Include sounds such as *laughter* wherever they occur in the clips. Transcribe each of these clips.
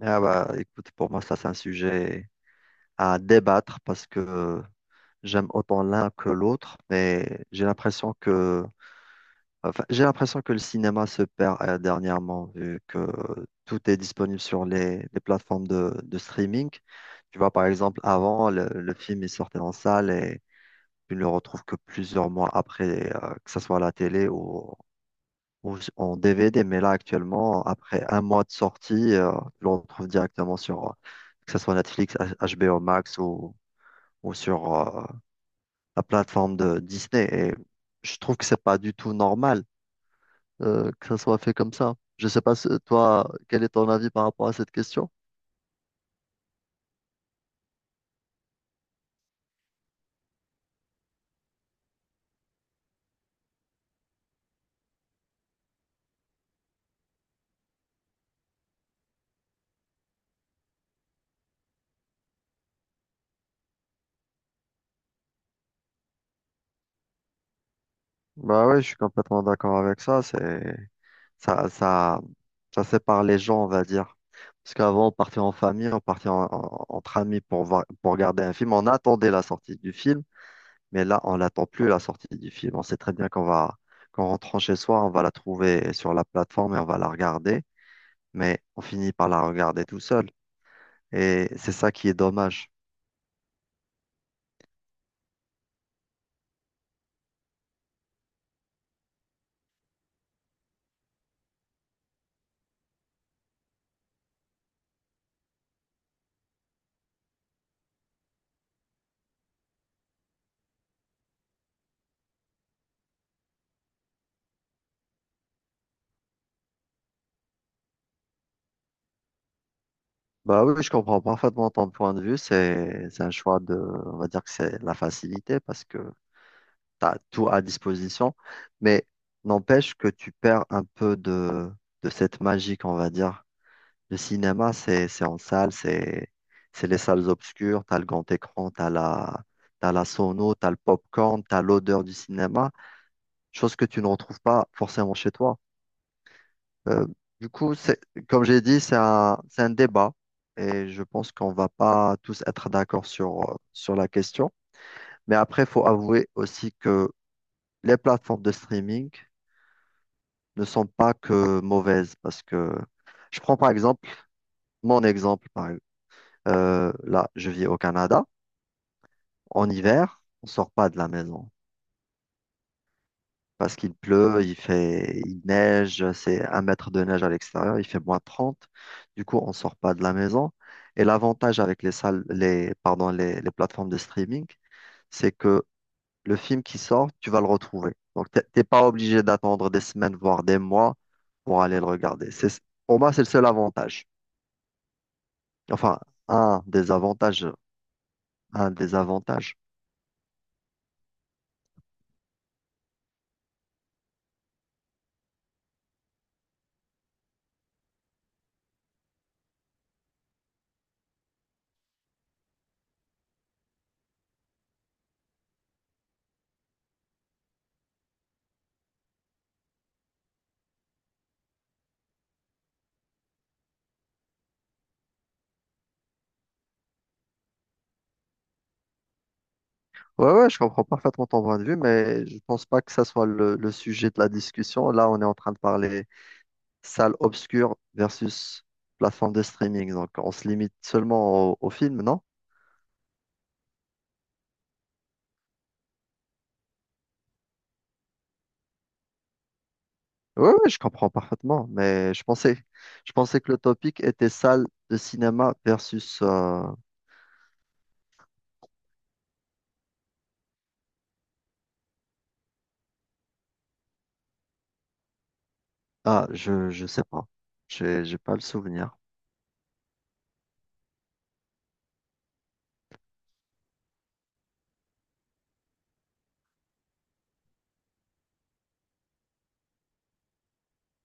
Ah bah, écoute, pour moi, ça, c'est un sujet à débattre parce que j'aime autant l'un que l'autre, mais j'ai l'impression que, enfin, j'ai l'impression que le cinéma se perd dernièrement, vu que tout est disponible sur les plateformes de streaming. Tu vois, par exemple, avant, le film est sorti en salle et tu ne le retrouves que plusieurs mois après, que ce soit à la télé ou en DVD, mais là actuellement, après un mois de sortie, tu le retrouves directement sur, que ce soit Netflix, HBO Max ou sur la plateforme de Disney. Et je trouve que c'est pas du tout normal que ça soit fait comme ça. Je sais pas, toi, quel est ton avis par rapport à cette question? Bah oui, je suis complètement d'accord avec ça. C'est ça, ça, ça sépare les gens, on va dire. Parce qu'avant, on partait en famille, on partait entre amis pour voir, pour regarder un film. On attendait la sortie du film, mais là, on l'attend plus la sortie du film. On sait très bien qu'on va, qu'en rentrant chez soi, on va la trouver sur la plateforme et on va la regarder, mais on finit par la regarder tout seul. Et c'est ça qui est dommage. Bah oui, je comprends parfaitement ton point de vue. C'est un choix de, on va dire que c'est la facilité parce que tu as tout à disposition, mais n'empêche que tu perds un peu de cette magie, qu'on va dire. Le cinéma, c'est en salle, c'est les salles obscures, tu as le grand écran, tu as la, t'as la sono, tu as le popcorn, tu as l'odeur du cinéma, chose que tu ne retrouves pas forcément chez toi. Euh, du coup, c'est, comme j'ai dit, c'est un débat. Et je pense qu'on va pas tous être d'accord sur, sur la question. Mais après, il faut avouer aussi que les plateformes de streaming, ne sont pas que mauvaises parce que je prends par exemple mon exemple. Là, je vis au Canada. En hiver, on sort pas de la maison parce qu'il pleut, il fait, il neige, c'est un mètre de neige à l'extérieur, il fait moins trente. Du coup, on sort pas de la maison. Et l'avantage avec les salles, les, pardon, les plateformes de streaming, c'est que le film qui sort, tu vas le retrouver. Donc, t'es pas obligé d'attendre des semaines, voire des mois pour aller le regarder. C'est, pour moi, c'est le seul avantage. Enfin, un des avantages, un des avantages. Ouais, ouais, je comprends parfaitement ton point de vue, mais je pense pas que ça soit le sujet de la discussion. Là, on est en train de parler salle obscure versus plateforme de streaming. Donc, on se limite seulement au, au film, non? Ouais, ouais, je comprends parfaitement, mais je pensais que le topic était salle de cinéma versus, ah, je sais pas. J'ai pas le souvenir.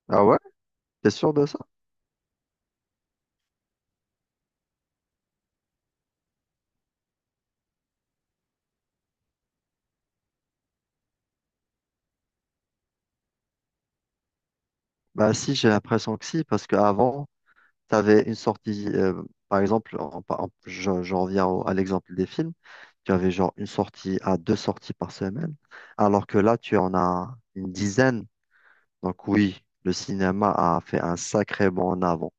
Ah ouais? T'es sûr de ça? Bah si, j'ai l'impression que si, parce qu'avant, tu avais une sortie, par exemple, je reviens à l'exemple des films, tu avais genre une sortie à deux sorties par semaine, alors que là, tu en as une dizaine. Donc oui, le cinéma a fait un sacré bond en avant.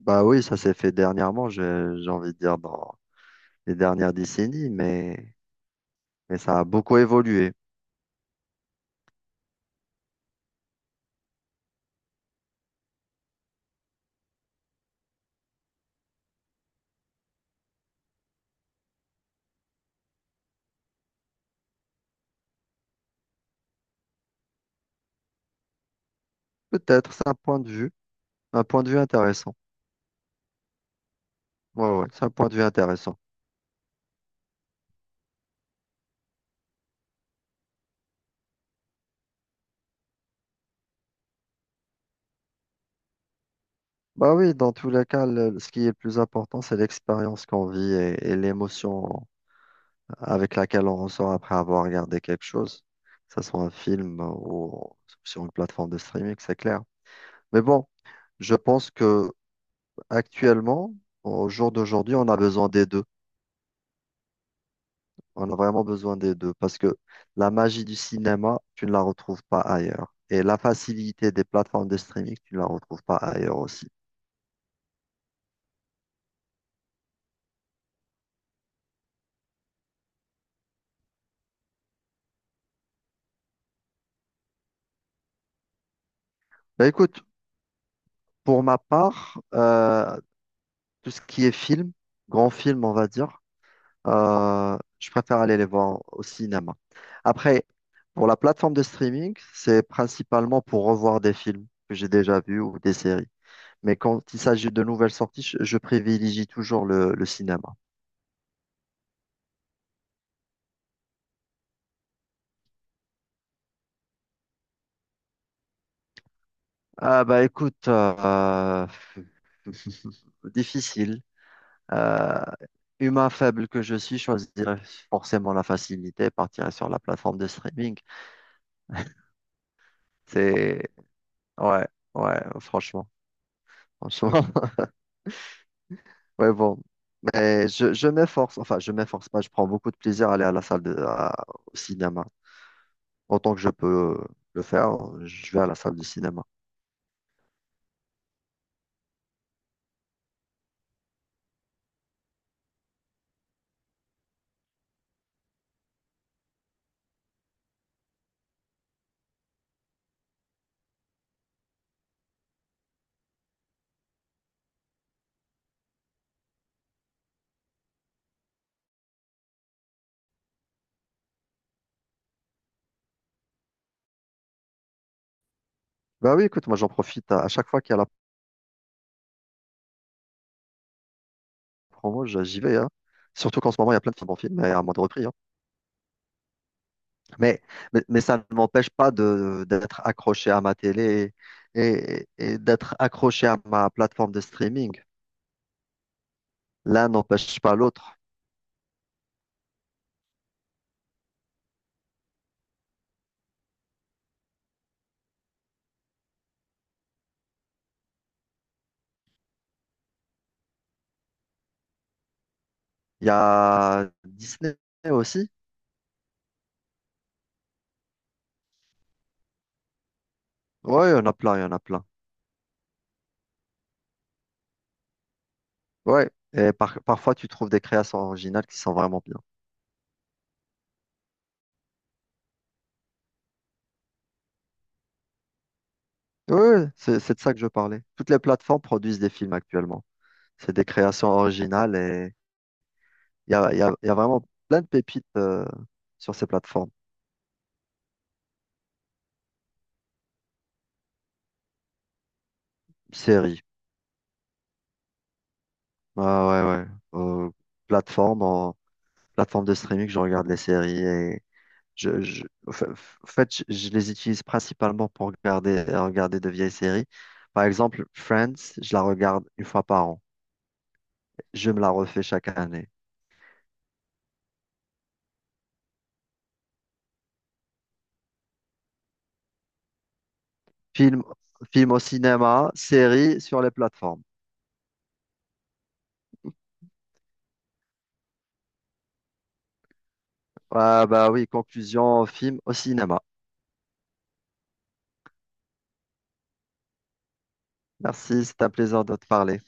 Bah oui, ça s'est fait dernièrement, j'ai envie de dire dans les dernières décennies, mais ça a beaucoup évolué. Peut-être, c'est un point de vue, un point de vue intéressant. Ouais, ouais, c'est un point de vue intéressant. Bah oui, dans tous les cas, ce qui est le plus important, c'est l'expérience qu'on vit et l'émotion avec laquelle on ressort après avoir regardé quelque chose, que ce soit un film ou sur une plateforme de streaming, c'est clair. Mais bon, je pense que actuellement, au jour d'aujourd'hui, on a besoin des deux. On a vraiment besoin des deux parce que la magie du cinéma, tu ne la retrouves pas ailleurs. Et la facilité des plateformes de streaming, tu ne la retrouves pas ailleurs aussi. Bah écoute, pour ma part, tout ce qui est film, grand film, on va dire, je préfère aller les voir au cinéma. Après, pour la plateforme de streaming, c'est principalement pour revoir des films que j'ai déjà vus ou des séries. Mais quand il s'agit de nouvelles sorties, je privilégie toujours le cinéma. Ah bah écoute, difficile. Euh, humain faible que je suis, je choisirais forcément la facilité, partirais sur la plateforme de streaming. C'est... Ouais, ouais, franchement. Franchement. *laughs* Ouais, bon. Et je m'efforce, enfin, je m'efforce pas, je prends beaucoup de plaisir à aller à la salle de, au cinéma. Autant que je peux le faire, je vais à la salle du cinéma. Bah oui, écoute, moi j'en profite à chaque fois qu'il y a la promo, j'y vais, hein. Surtout qu'en ce moment, il y a plein de films en film, et à moins de repris, hein. Mais, mais ça ne m'empêche pas de, d'être accroché à ma télé et d'être accroché à ma plateforme de streaming. L'un n'empêche pas l'autre. Il y a Disney aussi. Ouais, il y en a plein, il y en a plein. Ouais, et parfois tu trouves des créations originales qui sont vraiment bien. Oui oui, c'est de ça que je parlais. Toutes les plateformes produisent des films actuellement. C'est des créations originales et il y a, il y a vraiment plein de pépites sur ces plateformes. Séries. Ah ouais, ouais. Euh, plateforme, en, plateforme de streaming, je regarde les séries et je, en fait, je les utilise principalement pour regarder, regarder de vieilles séries. Par exemple, Friends, je la regarde une fois par an. Je me la refais chaque année. Film, film au cinéma, série sur les plateformes. Ah bah oui, conclusion, film au cinéma. Merci, c'est un plaisir de te parler.